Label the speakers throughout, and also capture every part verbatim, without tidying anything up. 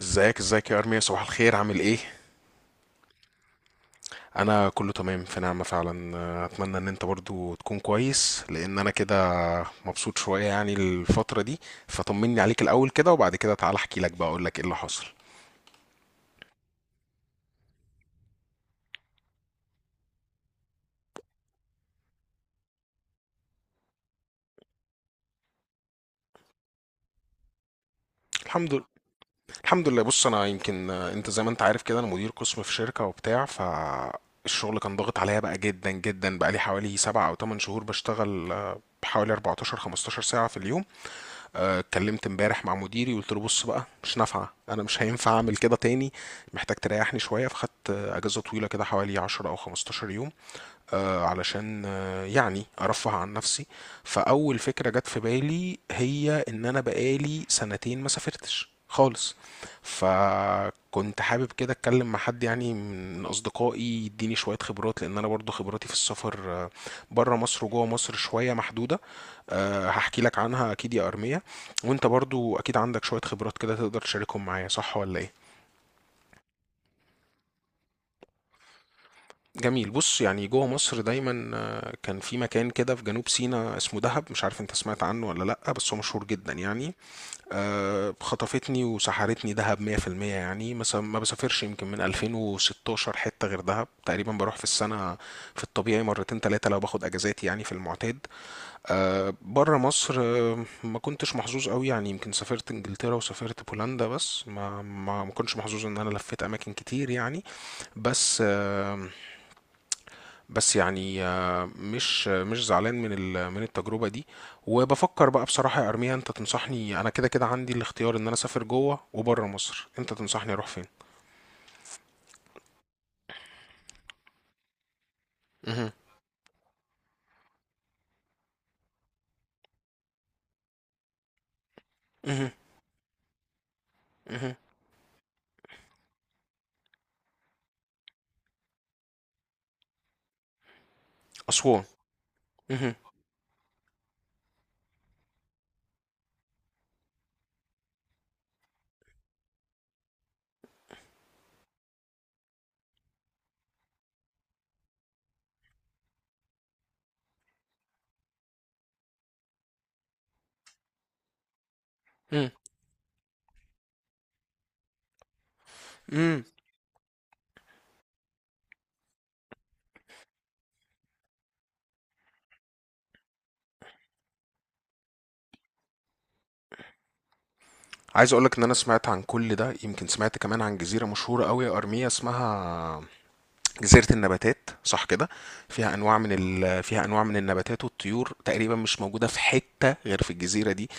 Speaker 1: ازيك ازيك يا ارميا، صباح الخير، عامل ايه؟ انا كله تمام في نعمة فعلا. آه، اتمنى ان انت برضو تكون كويس، لان انا كده مبسوط شوية يعني الفترة دي. فطمني عليك الاول كده وبعد كده تعال احكي لك بقى اقول لك ايه اللي حصل. الحمد لله الحمد لله بص، انا يمكن، آه، انت زي ما انت عارف كده انا مدير قسم في شركة وبتاع. ف الشغل كان ضاغط عليا بقى جدا جدا، بقى لي حوالي سبع او تمن شهور بشتغل، آه، بحوالي اربعة عشر خمسة عشر ساعة في اليوم. آه، اتكلمت امبارح مع مديري وقلت له بص بقى، مش نافعه، انا مش هينفع اعمل كده تاني، محتاج تريحني شويه. فخدت، آه، اجازه طويله كده، حوالي عشرة او خمستاشر يوم، آه، علشان آه، يعني ارفه عن نفسي. فاول فكره جت في بالي هي ان انا بقالي سنتين ما سافرتش خالص. فكنت حابب كده اتكلم مع حد يعني من اصدقائي يديني شويه خبرات، لان انا برضو خبراتي في السفر بره مصر وجوه مصر شويه محدوده. آه، هحكي لك عنها اكيد يا ارميه. وانت برضو اكيد عندك شويه خبرات كده تقدر تشاركهم معايا، صح ولا ايه؟ جميل. بص، يعني جوه مصر دايما، آه، كان في مكان كده في جنوب سيناء اسمه دهب، مش عارف انت سمعت عنه ولا لأ، بس هو مشهور جدا يعني. آه، خطفتني وسحرتني دهب مية في المية. يعني مثلا ما بسافرش يمكن من الفين وستة عشر حتة غير دهب، تقريبا بروح في السنة في الطبيعي مرتين تلاتة لو باخد اجازات يعني في المعتاد. آه، بره مصر، آه، ما كنتش محظوظ قوي، يعني يمكن سافرت انجلترا وسافرت بولندا، بس ما ما ما كنتش محظوظ ان انا لفيت اماكن كتير يعني. بس آه، بس يعني آه، مش مش زعلان من ال- من التجربة دي. وبفكر بقى بصراحة يا أرميا، أنت تنصحني؟ أنا كده كده عندي الاختيار إن أنا أسافر جوه وبره مصر، أنت تنصحني أروح فين؟ مهم. مهم. مهم. أسوان. مهم. مهم. مهم. عايز أقولك إن أنا سمعت عن كل ده، يمكن سمعت كمان عن جزيرة مشهورة أوي يا أرميا اسمها جزيرة النباتات، صح كده؟ فيها انواع من ال... فيها انواع من النباتات والطيور تقريبا مش موجودة في حتة غير في الجزيرة دي.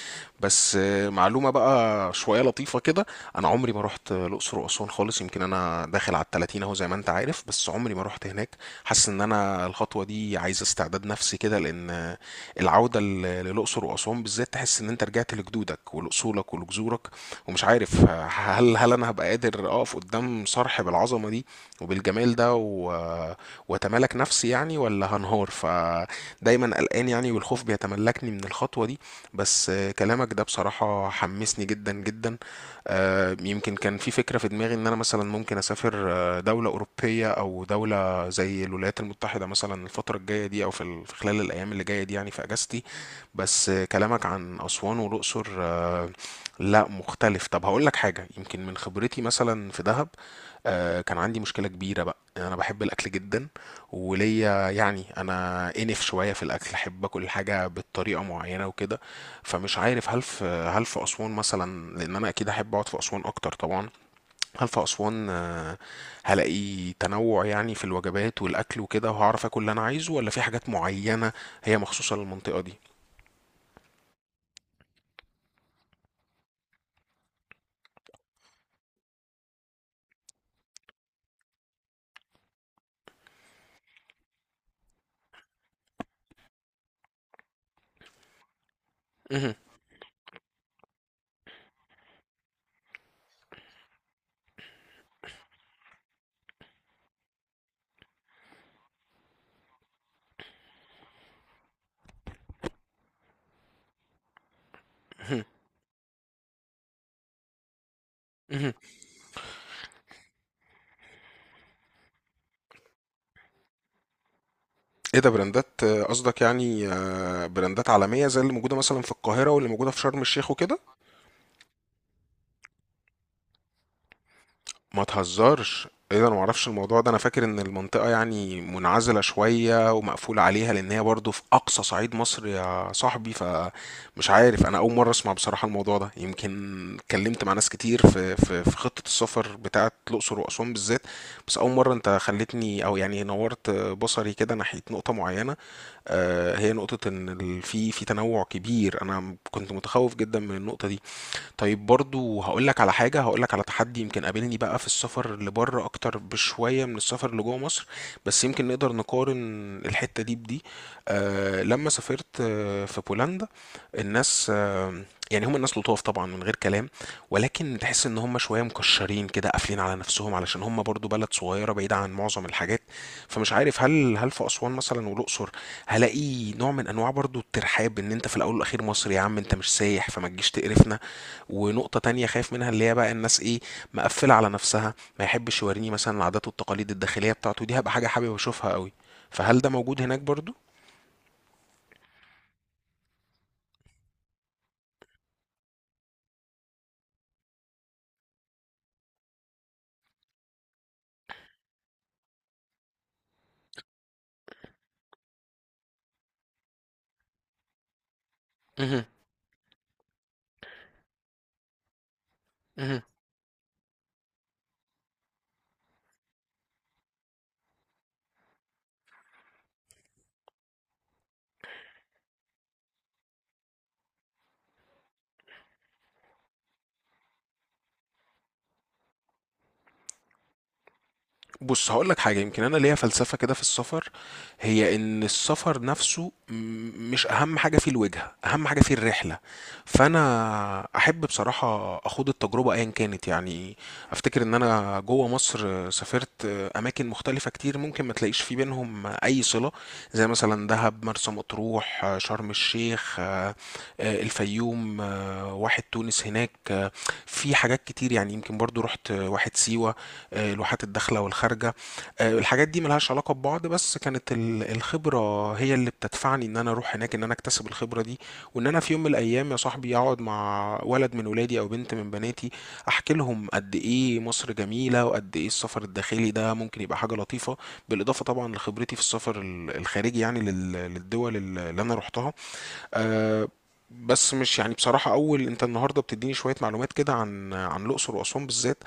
Speaker 1: بس آه، معلومة بقى شوية لطيفة كده، انا عمري ما رحت الاقصر واسوان خالص. يمكن انا داخل على التلاتين اهو زي ما انت عارف، بس عمري ما رحت هناك. حاسس ان انا الخطوة دي عايزة استعداد نفسي كده، لان العودة ل- للأقصر وأسوان بالذات تحس إن أنت رجعت لجدودك ولأصولك ولجذورك. ومش عارف ه- هل هل أنا هبقى قادر أقف قدام صرح بالعظمة دي وبالجمال ده و- وأتمالك نفسي يعني، ولا هنهار؟ فدايما قلقان يعني، والخوف بيتملكني من الخطوة دي. بس آه، كلامك ده بصراحة حمسني جدا جدا. آه، يمكن كان في فكرة في دماغي إن أنا مثلا ممكن أسافر، آه، دولة أوروبية أو دولة زي الولايات المتحدة مثلا، الفترة الجاية دي أو في ال- في خلال الأيام اللي جاية دي يعني في أجازتي. بس كلامك عن أسوان والأقصر، آه، لا مختلف. طب هقول لك حاجة، يمكن من خبرتي مثلا في دهب، آه، كان عندي مشكلة كبيرة بقى، أنا بحب الأكل جدا وليا يعني، أنا إنف شوية في الأكل، أحب أكل حاجة بالطريقة معينة وكده. فمش عارف، هل في هل في أسوان مثلا، لأن أنا أكيد أحب أقعد في أسوان أكتر طبعا، هل في أسوان، آه، هلاقي تنوع يعني في الوجبات والأكل وكده، وهعرف آكل اللي أنا عايزه، ولا في حاجات معينة هي مخصوصة للمنطقة دي؟ مهم، مهم، مهم. إيه ده، براندات؟ آه، قصدك يعني آه، براندات عالمية زي اللي موجودة مثلا في القاهرة واللي موجودة في شرم الشيخ وكده؟ ما تهزرش، ايه ده، انا معرفش الموضوع ده، انا فاكر ان المنطقة يعني منعزلة شوية ومقفول عليها، لان هي برضو في اقصى صعيد مصر يا صاحبي. فمش عارف، انا اول مرة اسمع بصراحة الموضوع ده، يمكن اتكلمت مع ناس كتير في في في خطة السفر بتاعة الاقصر واسوان بالذات. بس اول مرة انت خلتني او يعني نورت بصري كده ناحية نقطة معينة، آه، هي نقطة ان ال- في في تنوع كبير. انا كنت متخوف جدا من النقطة دي. طيب برضو هقولك على حاجة، هقولك على تحدي يمكن قابلني بقى في السفر لبره أكتر بشوية من السفر اللي جوه مصر، بس يمكن نقدر نقارن الحتة دي بدي. آه، لما سافرت آه في بولندا، الناس آه، يعني هم الناس لطاف طبعا من غير كلام، ولكن تحس ان هم شويه مكشرين كده قافلين على نفسهم، علشان هم برضو بلد صغيره بعيده عن معظم الحاجات. فمش عارف، هل هل في اسوان مثلا والاقصر هلاقي نوع من انواع برضو الترحاب، ان انت في الاول والاخير مصري يا عم انت مش سايح فما تجيش تقرفنا. ونقطة تانية خايف منها اللي هي بقى، الناس ايه، مقفلة على نفسها، ما يحبش يوريني مثلا العادات والتقاليد الداخلية بتاعته دي، هبقى حاجة حابب اشوفها قوي. فهل ده موجود هناك برضو؟ مهم. مهم. بص، هقول لك حاجة، يمكن أنا ليا فلسفة كده في السفر، هي إن السفر نفسه م- مش أهم حاجة فيه الوجهة، أهم حاجة فيه الرحلة. فأنا أحب بصراحة أخوض التجربة أيا كانت يعني. أفتكر إن أنا جوه مصر سافرت أماكن مختلفة كتير، ممكن ما تلاقيش في بينهم أي صلة، زي مثلا دهب، مرسى مطروح، شرم الشيخ، آه، آه، الفيوم، آه، واحد تونس هناك، آه، في حاجات كتير يعني. يمكن برضو رحت واحد سيوة، آه، الواحات الداخله والخارجه. آه، الحاجات دي ملهاش علاقه ببعض، بس كانت ال- الخبره هي اللي بتدفعني ان انا اروح هناك، ان انا اكتسب الخبره دي. وان انا في يوم من الايام يا صاحبي اقعد مع ولد من ولادي او بنت من بناتي، احكي لهم قد ايه مصر جميله وقد ايه السفر الداخلي ده ممكن يبقى حاجه لطيفه، بالاضافه طبعا لخبرتي في السفر ال- الخارجي يعني لل- للدول اللي انا رحتها. آه. بس مش يعني، بصراحة أول أنت النهاردة بتديني شوية معلومات كده عن عن الأقصر وأسوان بالذات،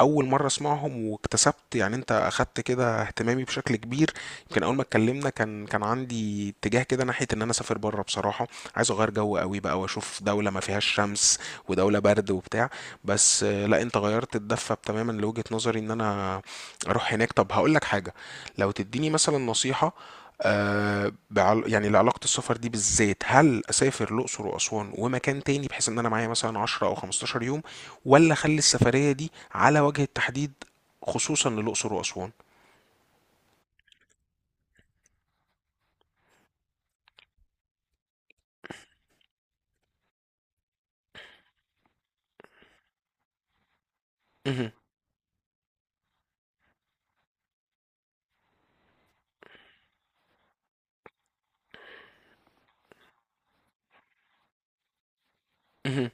Speaker 1: أول مرة أسمعهم، واكتسبت يعني أنت أخدت كده اهتمامي بشكل كبير. يمكن أول ما اتكلمنا كان كان عندي اتجاه كده ناحية إن أنا أسافر بره بصراحة، عايز أغير جو قوي بقى وأشوف دولة ما فيهاش شمس ودولة برد وبتاع. بس آه، لا أنت غيرت الدفة تماما لوجهة نظري إن أنا أروح هناك. طب هقول لك حاجة، لو تديني مثلا نصيحة، آه بعل... يعني لعلاقة السفر دي بالذات، هل أسافر الأقصر وأسوان ومكان تاني بحيث إن أنا معايا مثلا عشرة أو خمستاشر يوم، ولا أخلي السفرية دي على وجه التحديد خصوصا للأقصر وأسوان؟ مهم. مهم.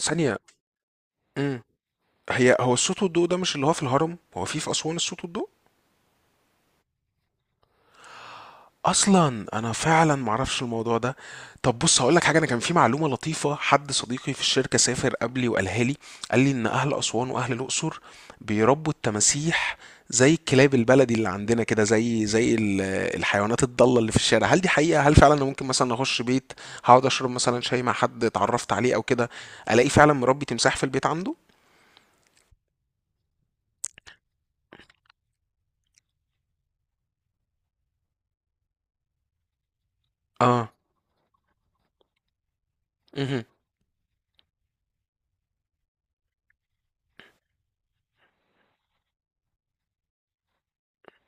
Speaker 1: ثانية. مم. هي، هو الصوت والضوء ده مش اللي هو في الهرم؟ هو في في أسوان الصوت والضوء؟ اصلا انا فعلا معرفش الموضوع ده. طب بص هقولك حاجه، انا كان في معلومه لطيفه، حد صديقي في الشركه سافر قبلي وقالها لي، قال لي ان اهل اسوان واهل الاقصر بيربوا التماسيح زي الكلاب البلدي اللي عندنا كده، زي زي ال- الحيوانات الضاله اللي في الشارع. هل دي حقيقه؟ هل فعلا انا ممكن مثلا اخش بيت، هقعد اشرب مثلا شاي مع حد اتعرفت عليه او كده، الاقي فعلا مربي تمساح في البيت عنده؟ اه. مهم.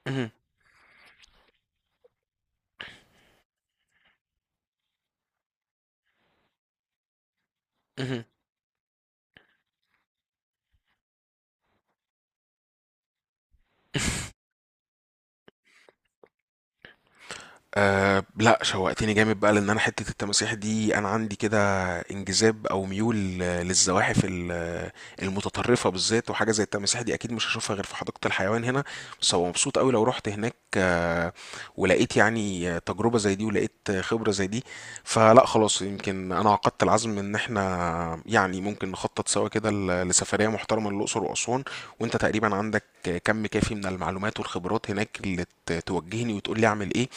Speaker 1: مهم. مهم. أه لا شوقتني جامد بقى، لان انا حته التماسيح دي انا عندي كده انجذاب او ميول للزواحف ال- المتطرفه بالذات، وحاجه زي التماسيح دي اكيد مش هشوفها غير في حديقه الحيوان هنا. بس هو مبسوط قوي لو رحت هناك، آه، ولقيت يعني تجربه زي دي ولقيت خبره زي دي. فلا خلاص، يمكن انا عقدت العزم ان احنا يعني ممكن نخطط سوا كده ل- لسفريه محترمه للاقصر واسوان. وانت تقريبا عندك كم كافي من المعلومات والخبرات هناك اللي ت- توجهني وتقول لي اعمل ايه.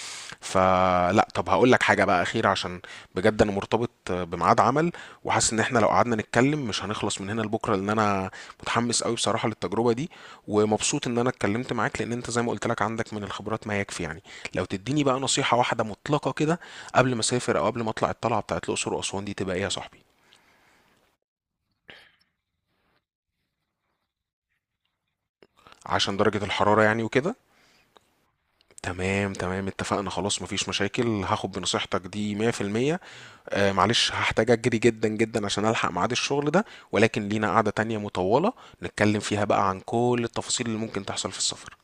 Speaker 1: فلا طب هقول لك حاجة بقى أخيرة، عشان بجد أنا مرتبط بميعاد عمل، وحاسس إن إحنا لو قعدنا نتكلم مش هنخلص من هنا لبكرة، لأن أنا متحمس قوي بصراحة للتجربة دي، ومبسوط إن أنا اتكلمت معاك، لأن أنت زي ما قلت لك عندك من الخبرات ما يكفي يعني. لو تديني بقى نصيحة واحدة مطلقة كده، قبل ما أسافر أو قبل ما أطلع الطلعة بتاعت الأقصر وأسوان دي، تبقى إيه يا صاحبي؟ عشان درجة الحرارة يعني وكده؟ تمام تمام، اتفقنا خلاص مفيش مشاكل، هاخد بنصيحتك دي مية في المية. آه معلش، هحتاج اجري جدا جدا عشان الحق ميعاد الشغل ده، ولكن لينا قعدة تانية مطولة نتكلم فيها بقى عن كل التفاصيل اللي ممكن تحصل في السفر.